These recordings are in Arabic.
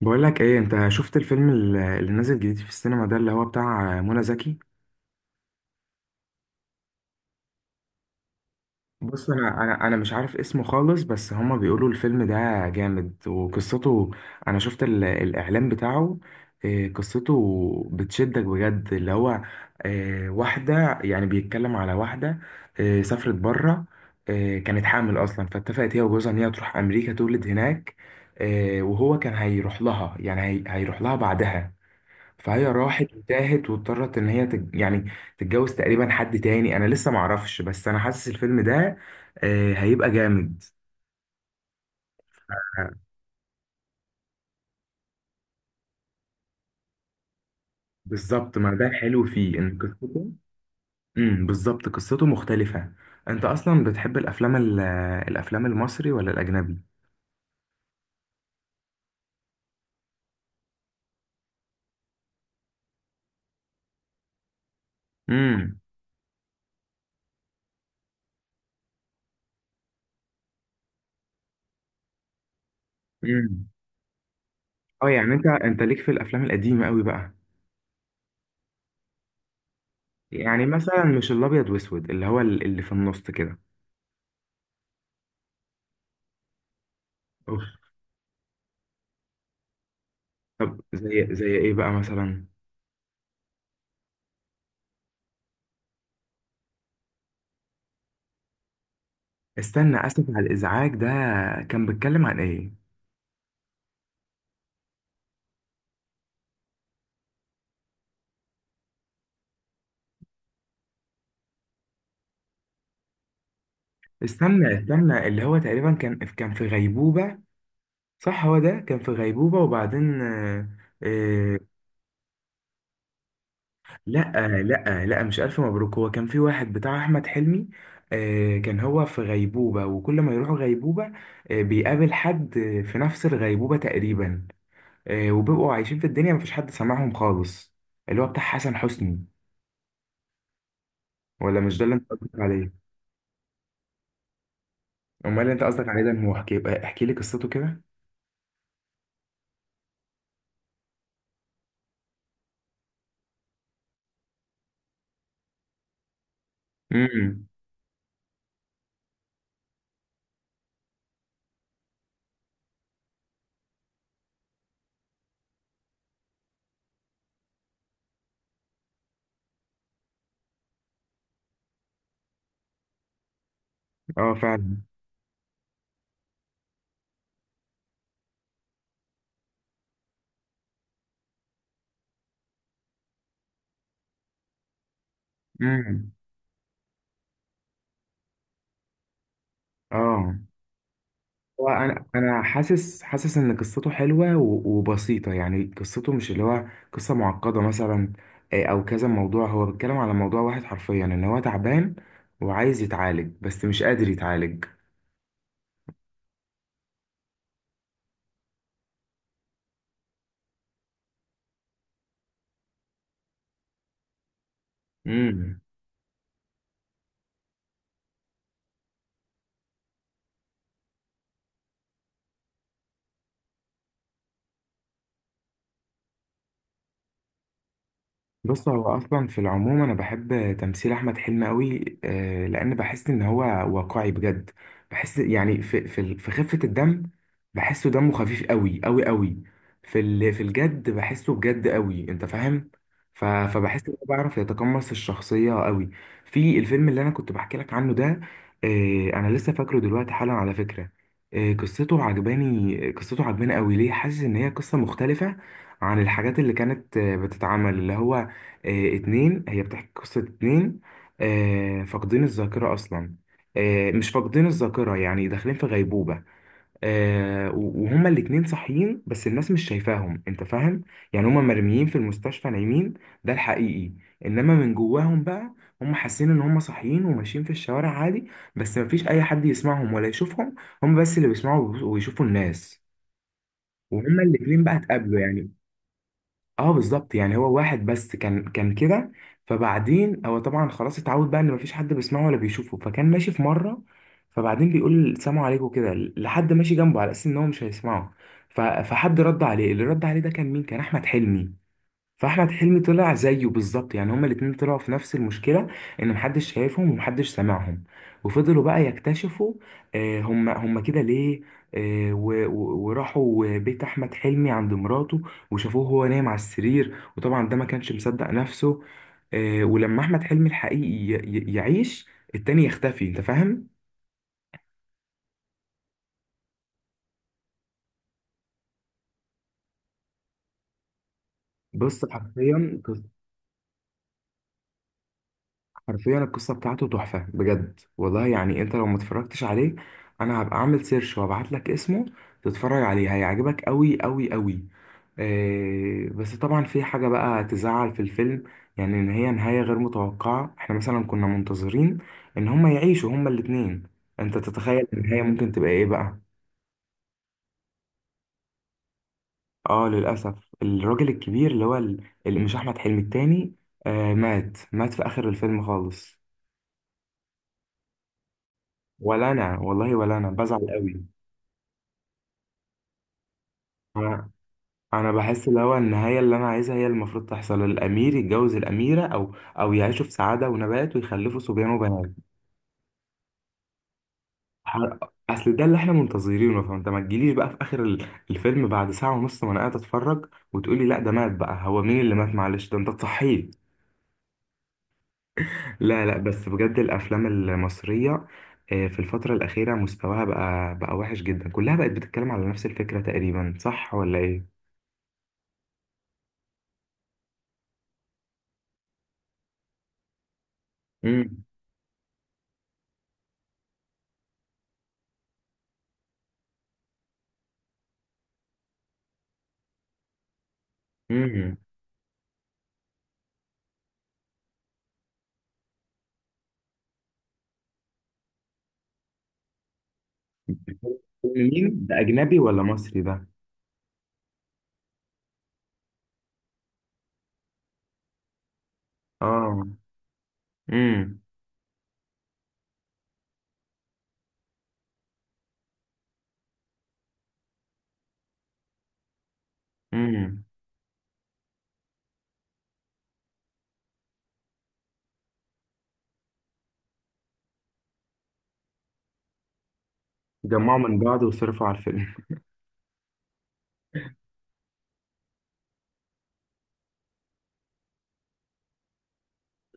بقول لك ايه، انت شفت الفيلم اللي نازل جديد في السينما ده اللي هو بتاع منى زكي؟ بص، انا مش عارف اسمه خالص، بس هما بيقولوا الفيلم ده جامد وقصته. انا شفت الاعلان بتاعه. إيه، قصته بتشدك بجد، اللي هو. إيه، واحدة، يعني بيتكلم على واحدة. إيه، سافرت بره. إيه، كانت حامل اصلا، فاتفقت هي وجوزها ان هي تروح امريكا تولد هناك. إيه، وهو كان هيروح لها، يعني هيروح لها بعدها. فهي راحت وتاهت واضطرت ان هي يعني تتجوز تقريبا حد تاني، انا لسه معرفش، بس انا حاسس الفيلم ده، آه، هيبقى جامد. بالظبط، ما ده الحلو فيه ان قصته. بالظبط، قصته مختلفة. انت اصلا بتحب الافلام الافلام المصري ولا الاجنبي؟ امم. امم. اه، يعني انت ليك في الافلام القديمة قوي بقى. يعني مثلا مش الابيض واسود، اللي هو اللي في النص كده؟ اوف. طب، زي ايه بقى مثلا؟ استنى، اسف على الازعاج ده كان بيتكلم عن ايه؟ استنى، استنى، اللي هو تقريبا كان في غيبوبة. صح، هو ده كان في غيبوبة وبعدين، آه. آه. لا، لا، لا، مش الف مبروك، هو كان في واحد بتاع احمد حلمي. آه، كان هو في غيبوبة، وكل ما يروحوا غيبوبة، آه، بيقابل حد، في نفس الغيبوبة تقريبا. آه، وبيبقوا عايشين في الدنيا، مفيش حد سامعهم خالص. اللي هو بتاع حسن حسني. ولا مش ده اللي انت قصدك عليه؟ امال، اللي انت قصدك عليه ده هو، احكي احكي لي قصته كده. امم. اه، فعلا. امم. اه. هو انا حاسس حاسس ان قصته حلوه وبسيطه، يعني قصته مش اللي هو قصه معقده مثلا. آه، او كذا موضوع، هو بيتكلم على موضوع واحد حرفيا، ان هو تعبان وعايز يتعالج، بس مش قادر يتعالج. امم. بص، هو اصلا في العموم انا بحب تمثيل احمد حلمي قوي، لان بحس ان هو واقعي بجد. بحس يعني في خفة الدم. بحسه دمه خفيف قوي قوي قوي. في الجد بحسه بجد قوي، انت فاهم؟ فبحس ان هو بيعرف يتقمص الشخصية قوي. في الفيلم اللي انا كنت بحكي لك عنه ده، آه، انا لسه فاكره دلوقتي حالا، على فكرة. آه، قصته عجباني، قصته عجباني قوي، ليه حاسس ان هي قصة مختلفة عن الحاجات اللي كانت بتتعمل، اللي هو. آه، اتنين هي بتحكي قصة اتنين، آه، فاقدين الذاكرة أصلا، آه، مش فاقدين الذاكرة، يعني داخلين في غيبوبة. آه، وهما الاتنين صاحيين، بس الناس مش شايفاهم، انت فاهم؟ يعني هما مرميين في المستشفى نايمين، ده الحقيقي. انما من جواهم بقى، هما حاسين ان هما صاحيين وماشيين في الشوارع عادي. بس مفيش اي حد يسمعهم ولا يشوفهم. هما بس اللي بيسمعوا ويشوفوا الناس. وهما الاتنين بقى اتقابلوا يعني. اه، بالظبط، يعني هو واحد بس كان كده. فبعدين هو طبعا خلاص اتعود بقى ان مفيش حد بيسمعه ولا بيشوفه، فكان ماشي في مره. فبعدين بيقول سلام عليكم كده لحد ماشي جنبه، على اساس ان هو مش هيسمعه. فحد رد عليه، اللي رد عليه ده كان مين؟ كان احمد حلمي. فاحمد حلمي طلع زيه بالظبط، يعني هما الاتنين طلعوا في نفس المشكله، ان محدش شايفهم ومحدش سامعهم. وفضلوا بقى يكتشفوا، آه، هما كده ليه. آه، وراحوا بيت احمد حلمي عند مراته، وشافوه هو نايم على السرير، وطبعا ده ما كانش مصدق نفسه. آه، ولما احمد حلمي الحقيقي يعيش، التاني يختفي، انت فاهم؟ بص، حرفيا، حرفيا القصة بتاعته تحفة بجد والله، يعني انت لو ما اتفرجتش عليه، انا هبقى اعمل سيرش وابعت لك اسمه، تتفرج عليه، هيعجبك قوي قوي قوي. آه، بس طبعا في حاجة بقى تزعل في الفيلم، يعني ان هي نهاية غير متوقعة، احنا مثلا كنا منتظرين ان هما يعيشوا هما الاتنين. انت تتخيل النهاية ممكن تبقى ايه بقى؟ اه، للأسف. الراجل الكبير، اللي هو اللي مش احمد حلمي التاني، آه، مات مات في اخر الفيلم خالص. ولا انا والله، ولا انا بزعل قوي. انا. أنا بحس، اللي هو النهايه اللي انا عايزها هي اللي المفروض تحصل، الامير يتجوز الاميره، او يعيشوا في سعاده ونبات ويخلفوا صبيان وبنات. ح- اصل ده اللي احنا منتظرينه، فانت ما تجيليش بقى في اخر الفيلم بعد ساعه ونص ما انا قاعد اتفرج، وتقولي لا، ده مات بقى، هو مين اللي مات، معلش، ده انت تصحيه. لا، لا، بس بجد الافلام المصريه، آه، في الفتره الاخيره مستواها بقى وحش جدا، كلها بقت بتتكلم على نفس الفكره تقريبا، صح ولا ايه؟ امم. امم. مين ده، اجنبي ولا مصري ده؟ اه. امم. امم. جمعوا من بعض وصرفوا على الفيلم.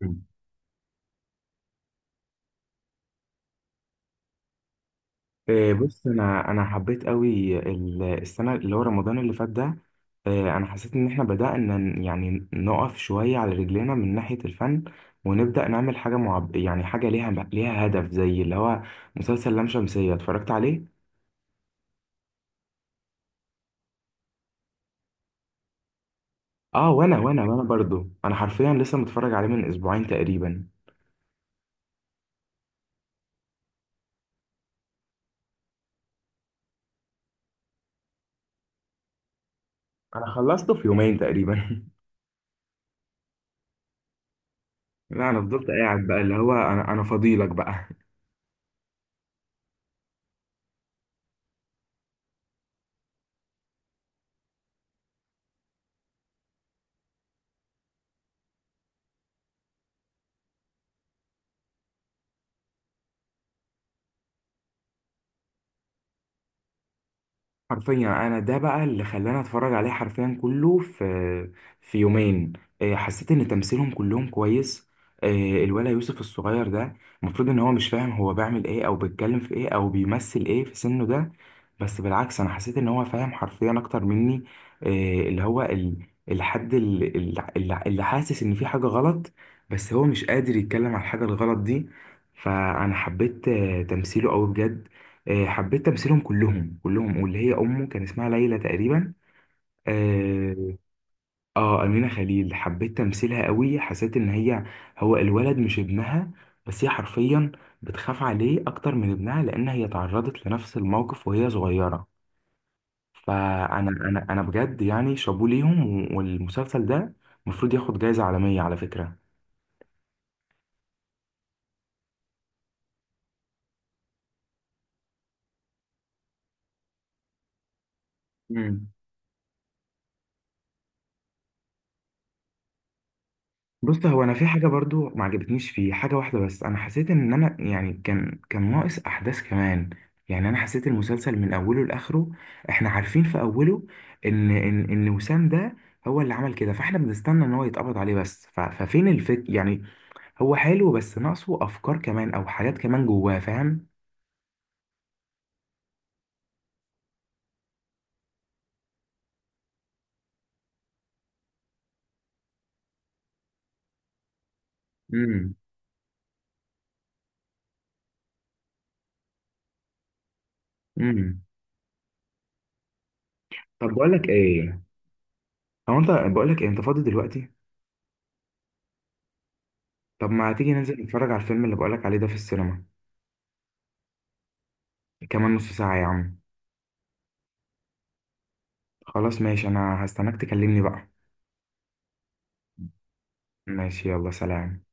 مم. آه، بص، انا حبيت قوي السنه اللي هو رمضان اللي فات ده، آه، انا حسيت ان احنا بدانا يعني نقف شويه على رجلينا من ناحيه الفن، ونبدا نعمل حاجه يعني حاجه ليها هدف، زي اللي هو مسلسل لام شمسيه، اتفرجت عليه؟ اه، وانا برضو انا حرفيا لسه متفرج عليه من اسبوعين تقريبا. انا خلصته في يومين تقريبا. لا، انا فضلت قاعد بقى اللي هو، انا فضيلك بقى. حرفيا يعني انا ده بقى اللي خلاني اتفرج عليه، حرفيا كله في يومين. إيه، حسيت ان تمثيلهم كلهم كويس. إيه، الولا يوسف الصغير ده، المفروض ان هو مش فاهم هو بيعمل ايه او بيتكلم في ايه او بيمثل ايه في سنه ده. بس بالعكس، انا حسيت ان هو فاهم حرفيا اكتر مني. إيه، اللي هو الحد اللي حاسس ان في حاجة غلط، بس هو مش قادر يتكلم على الحاجة الغلط دي. فانا حبيت تمثيله قوي بجد. آه، حبيت تمثيلهم كلهم، واللي هي امه كان اسمها ليلى تقريبا. اه. آه، امينه خليل، حبيت تمثيلها قوي، حسيت ان هي، هو الولد مش ابنها، بس هي حرفيا بتخاف عليه اكتر من ابنها، لان هي تعرضت لنفس الموقف وهي صغيره. فانا انا بجد، يعني شابوه ليهم. والمسلسل ده المفروض ياخد جائزه عالميه، على فكره. مم. بص، هو انا في حاجه برضو ما عجبتنيش فيه، حاجه واحده بس، انا حسيت ان انا يعني كان ناقص احداث كمان. يعني انا حسيت المسلسل من اوله لاخره، احنا عارفين في اوله ان وسام ده هو اللي عمل كده، فاحنا بنستنى ان هو يتقبض عليه، بس ففين الفك يعني. هو حلو، بس ناقصه افكار كمان او حاجات كمان جواه، فاهم؟ امم. امم. طب، بقول لك ايه، هو انت، بقول لك إيه؟ انت فاضي دلوقتي؟ طب، ما تيجي ننزل نتفرج على الفيلم اللي بقول لك عليه ده في السينما؟ كمان نص ساعه يا عم. خلاص، ماشي، انا هستناك تكلمني بقى. ماشي، يلا، سلام.